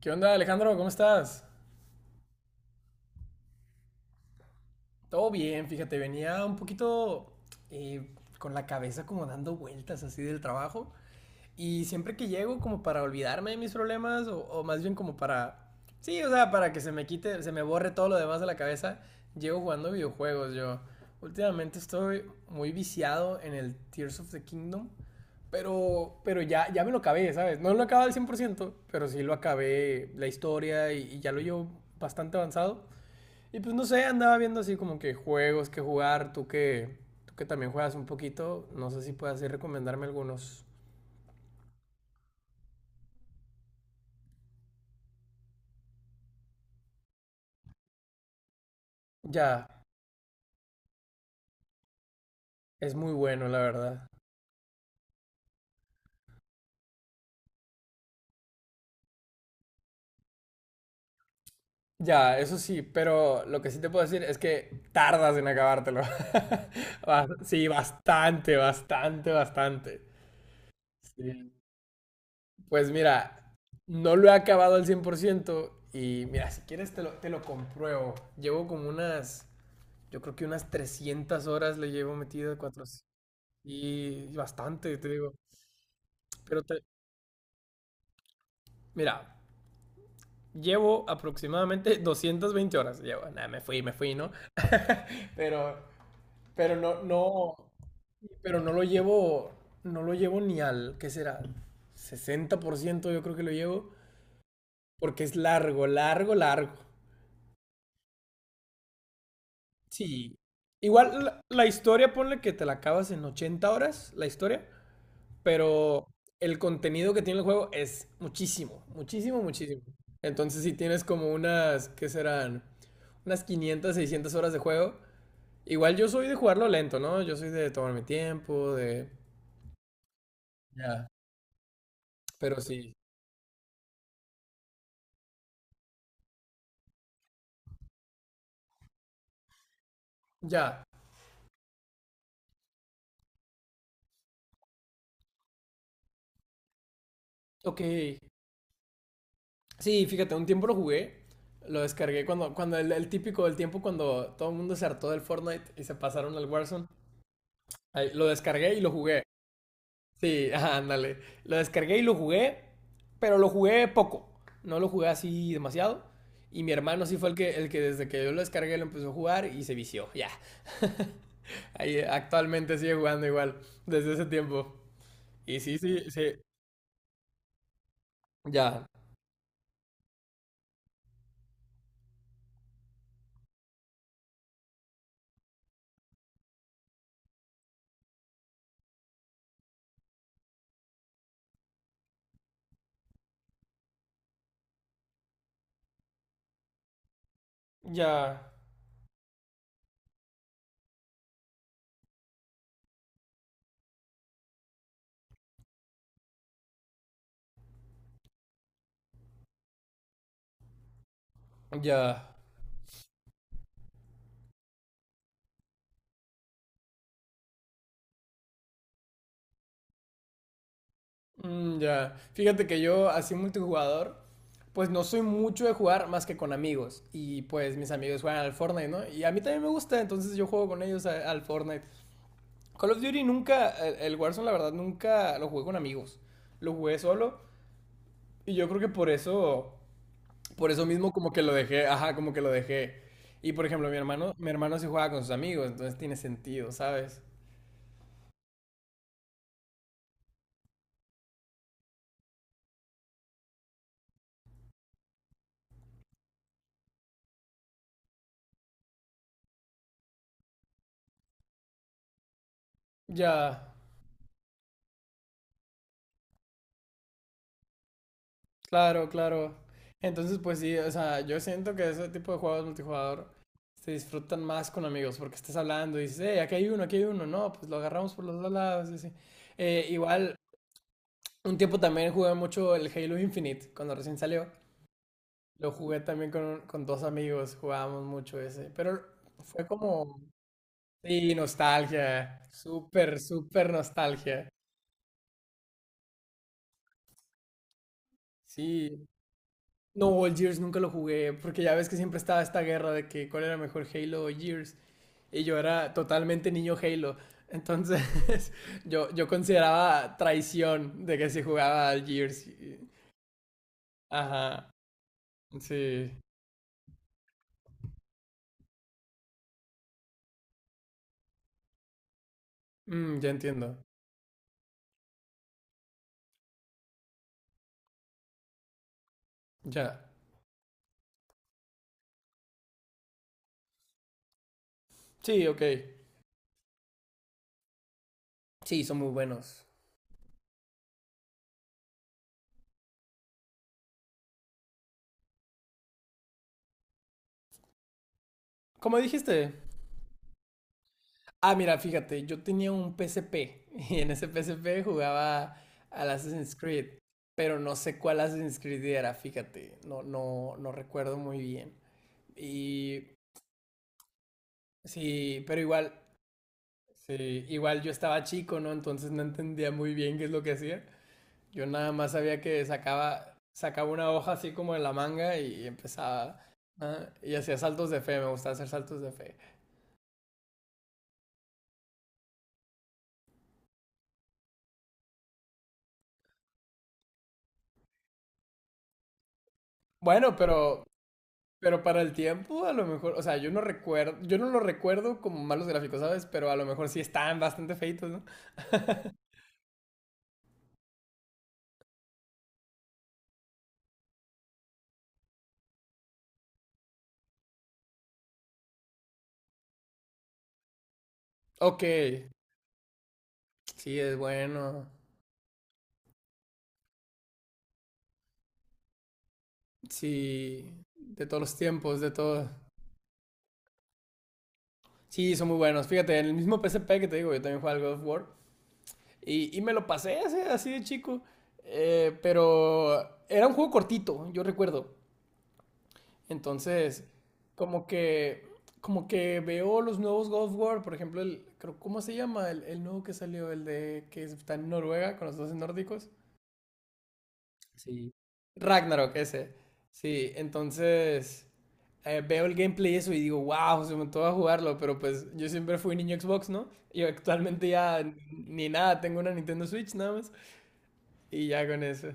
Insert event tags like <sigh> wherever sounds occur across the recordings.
¿Qué onda, Alejandro? ¿Cómo estás? Todo bien, fíjate, venía un poquito con la cabeza como dando vueltas así del trabajo. Y siempre que llego como para olvidarme de mis problemas o más bien como para, sí, o sea, para que se me quite, se me borre todo lo demás de la cabeza, llego jugando videojuegos yo. Últimamente estoy muy viciado en el Tears of the Kingdom, pero ya, ya me lo acabé, ¿sabes? No lo acabé al 100%, pero sí lo acabé la historia y ya lo llevo bastante avanzado. Y pues no sé, andaba viendo así como que juegos que jugar, tú que también juegas un poquito, no sé si puedes así recomendarme algunos. Ya, es muy bueno, la verdad. Ya, eso sí, pero lo que sí te puedo decir es que tardas en acabártelo. <laughs> Sí, bastante, bastante, bastante. Sí. Pues mira, no lo he acabado al 100% y mira, si quieres te lo compruebo. Llevo como unas, yo creo que unas 300 horas le llevo metido, 400. Y bastante, te digo. Pero te- mira, llevo aproximadamente <laughs> 220 horas. Llevo, nada, me fui, ¿no? <laughs> Pero, pero no, no, pero no lo llevo ni al, ¿qué será? 60% yo creo que lo llevo, porque es largo, largo, largo. Sí. Igual la historia, ponle que te la acabas en 80 horas, la historia, pero el contenido que tiene el juego es muchísimo, muchísimo, muchísimo. Entonces, si tienes como unas, ¿qué serán? Unas 500, 600 horas de juego. Igual yo soy de jugarlo lento, ¿no? Yo soy de tomar mi tiempo, de... Ya. Pero sí, ya. Ok. Sí, fíjate, un tiempo lo jugué. Lo descargué cuando el típico del tiempo cuando todo el mundo se hartó del Fortnite y se pasaron al Warzone. Ahí, lo descargué y lo jugué. Sí, <laughs> ajá, ándale. Lo descargué y lo jugué, pero lo jugué poco. No lo jugué así demasiado. Y mi hermano sí fue el que desde que yo lo descargué lo empezó a jugar y se vició, ya. <laughs> Ahí actualmente sigue jugando igual, desde ese tiempo. Y sí, sí, sí. Ya, ya, ya. Mm, ya. Fíjate que yo así multijugador, pues no soy mucho de jugar más que con amigos. Y pues mis amigos juegan al Fortnite, ¿no? Y a mí también me gusta, entonces yo juego con ellos al Fortnite. Call of Duty nunca, el Warzone la verdad nunca lo jugué con amigos, lo jugué solo y yo creo que por eso, mismo como que lo dejé, ajá, como que lo dejé. Y por ejemplo, mi hermano sí jugaba con sus amigos, entonces tiene sentido, ¿sabes? Ya, claro, claro. Entonces, pues sí, o sea, yo siento que ese tipo de juegos multijugador se disfrutan más con amigos porque estás hablando y dices, hey, aquí hay uno, no, pues lo agarramos por los dos lados, y así. Igual, un tiempo también jugué mucho el Halo Infinite cuando recién salió. Lo jugué también con dos amigos, jugábamos mucho ese, pero fue como, sí, nostalgia, súper, súper nostalgia. Sí, no, o el Gears nunca lo jugué, porque ya ves que siempre estaba esta guerra de que cuál era mejor Halo o Gears, y yo era totalmente niño Halo, entonces <laughs> yo consideraba traición de que se jugaba al Gears. Ajá, sí. Ya entiendo, ya. Sí, ok, sí, son muy buenos. Como dijiste. Ah, mira, fíjate, yo tenía un PSP <laughs> y en ese PSP jugaba al Assassin's Creed, pero no sé cuál Assassin's Creed era, fíjate, no, no, no recuerdo muy bien. Y sí, pero igual, sí, igual yo estaba chico, ¿no? Entonces no entendía muy bien qué es lo que hacía. Yo nada más sabía que sacaba una hoja así como de la manga y empezaba, ah, y hacía saltos de fe, me gustaba hacer saltos de fe. Bueno, pero para el tiempo, a lo mejor, o sea, yo no recuerdo, yo no lo recuerdo como malos gráficos, ¿sabes? Pero a lo mejor sí están bastante feitos, ¿no? <laughs> Ok, sí, es bueno. Sí, de todos los tiempos, de todo. Sí, son muy buenos. Fíjate, en el mismo PSP que te digo, yo también jugaba al God of War. Y me lo pasé así, así de chico. Pero era un juego cortito, yo recuerdo. Entonces, como que, como que veo los nuevos God of War, por ejemplo, ¿cómo se llama? El nuevo que salió, el de que está en Noruega con los dos nórdicos. Sí. Ragnarok, ese. Sí, entonces veo el gameplay y eso y digo, wow, se me antoja jugarlo, pero pues yo siempre fui niño Xbox, ¿no? Y actualmente ya ni nada, tengo una Nintendo Switch nada más y ya con eso.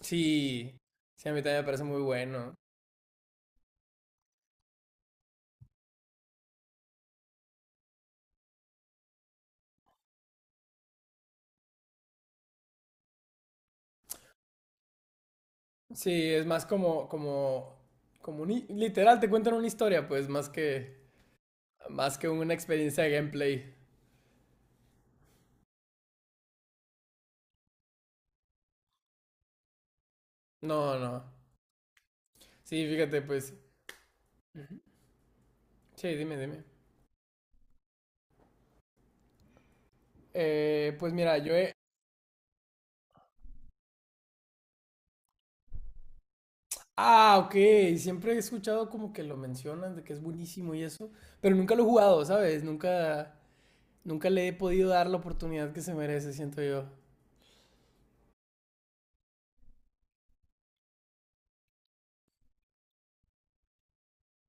Sí, sí, a mí también me parece muy bueno. Sí, es más como, un literal, te cuentan una historia, pues, más que una experiencia de gameplay. No, no. Sí, fíjate, pues. Sí, dime, dime. Pues mira, yo he... Ah, ok. Siempre he escuchado como que lo mencionan, de que es buenísimo y eso, pero nunca lo he jugado, ¿sabes? Nunca, nunca le he podido dar la oportunidad que se merece, siento yo.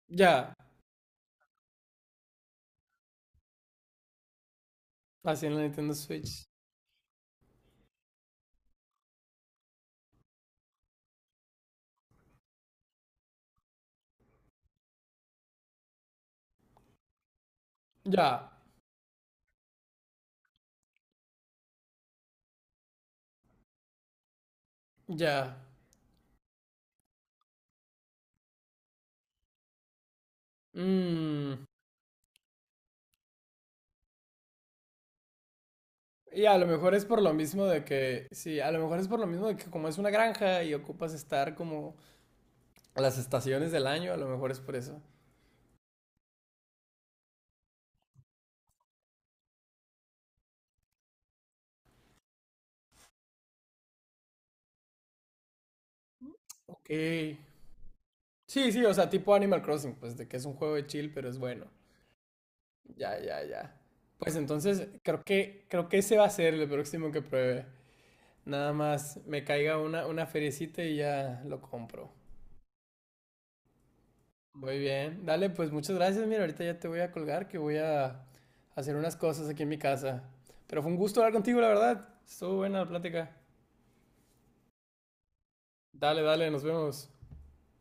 Ya, así en la Nintendo Switch. Ya, ya. Mmm. Y a lo mejor es por lo mismo de que, sí, a lo mejor es por lo mismo de que como es una granja y ocupas estar como a las estaciones del año, a lo mejor es por eso. Ok. Sí, sí, o sea, tipo Animal Crossing, pues de que es un juego de chill, pero es bueno. Ya, ya, ya. Pues entonces creo que ese va a ser el próximo que pruebe. Nada más me caiga una feriecita y ya lo compro. Muy bien, dale, pues muchas gracias. Mira, ahorita ya te voy a colgar que voy a hacer unas cosas aquí en mi casa. Pero fue un gusto hablar contigo, la verdad. Estuvo buena la plática. Dale, dale, nos vemos.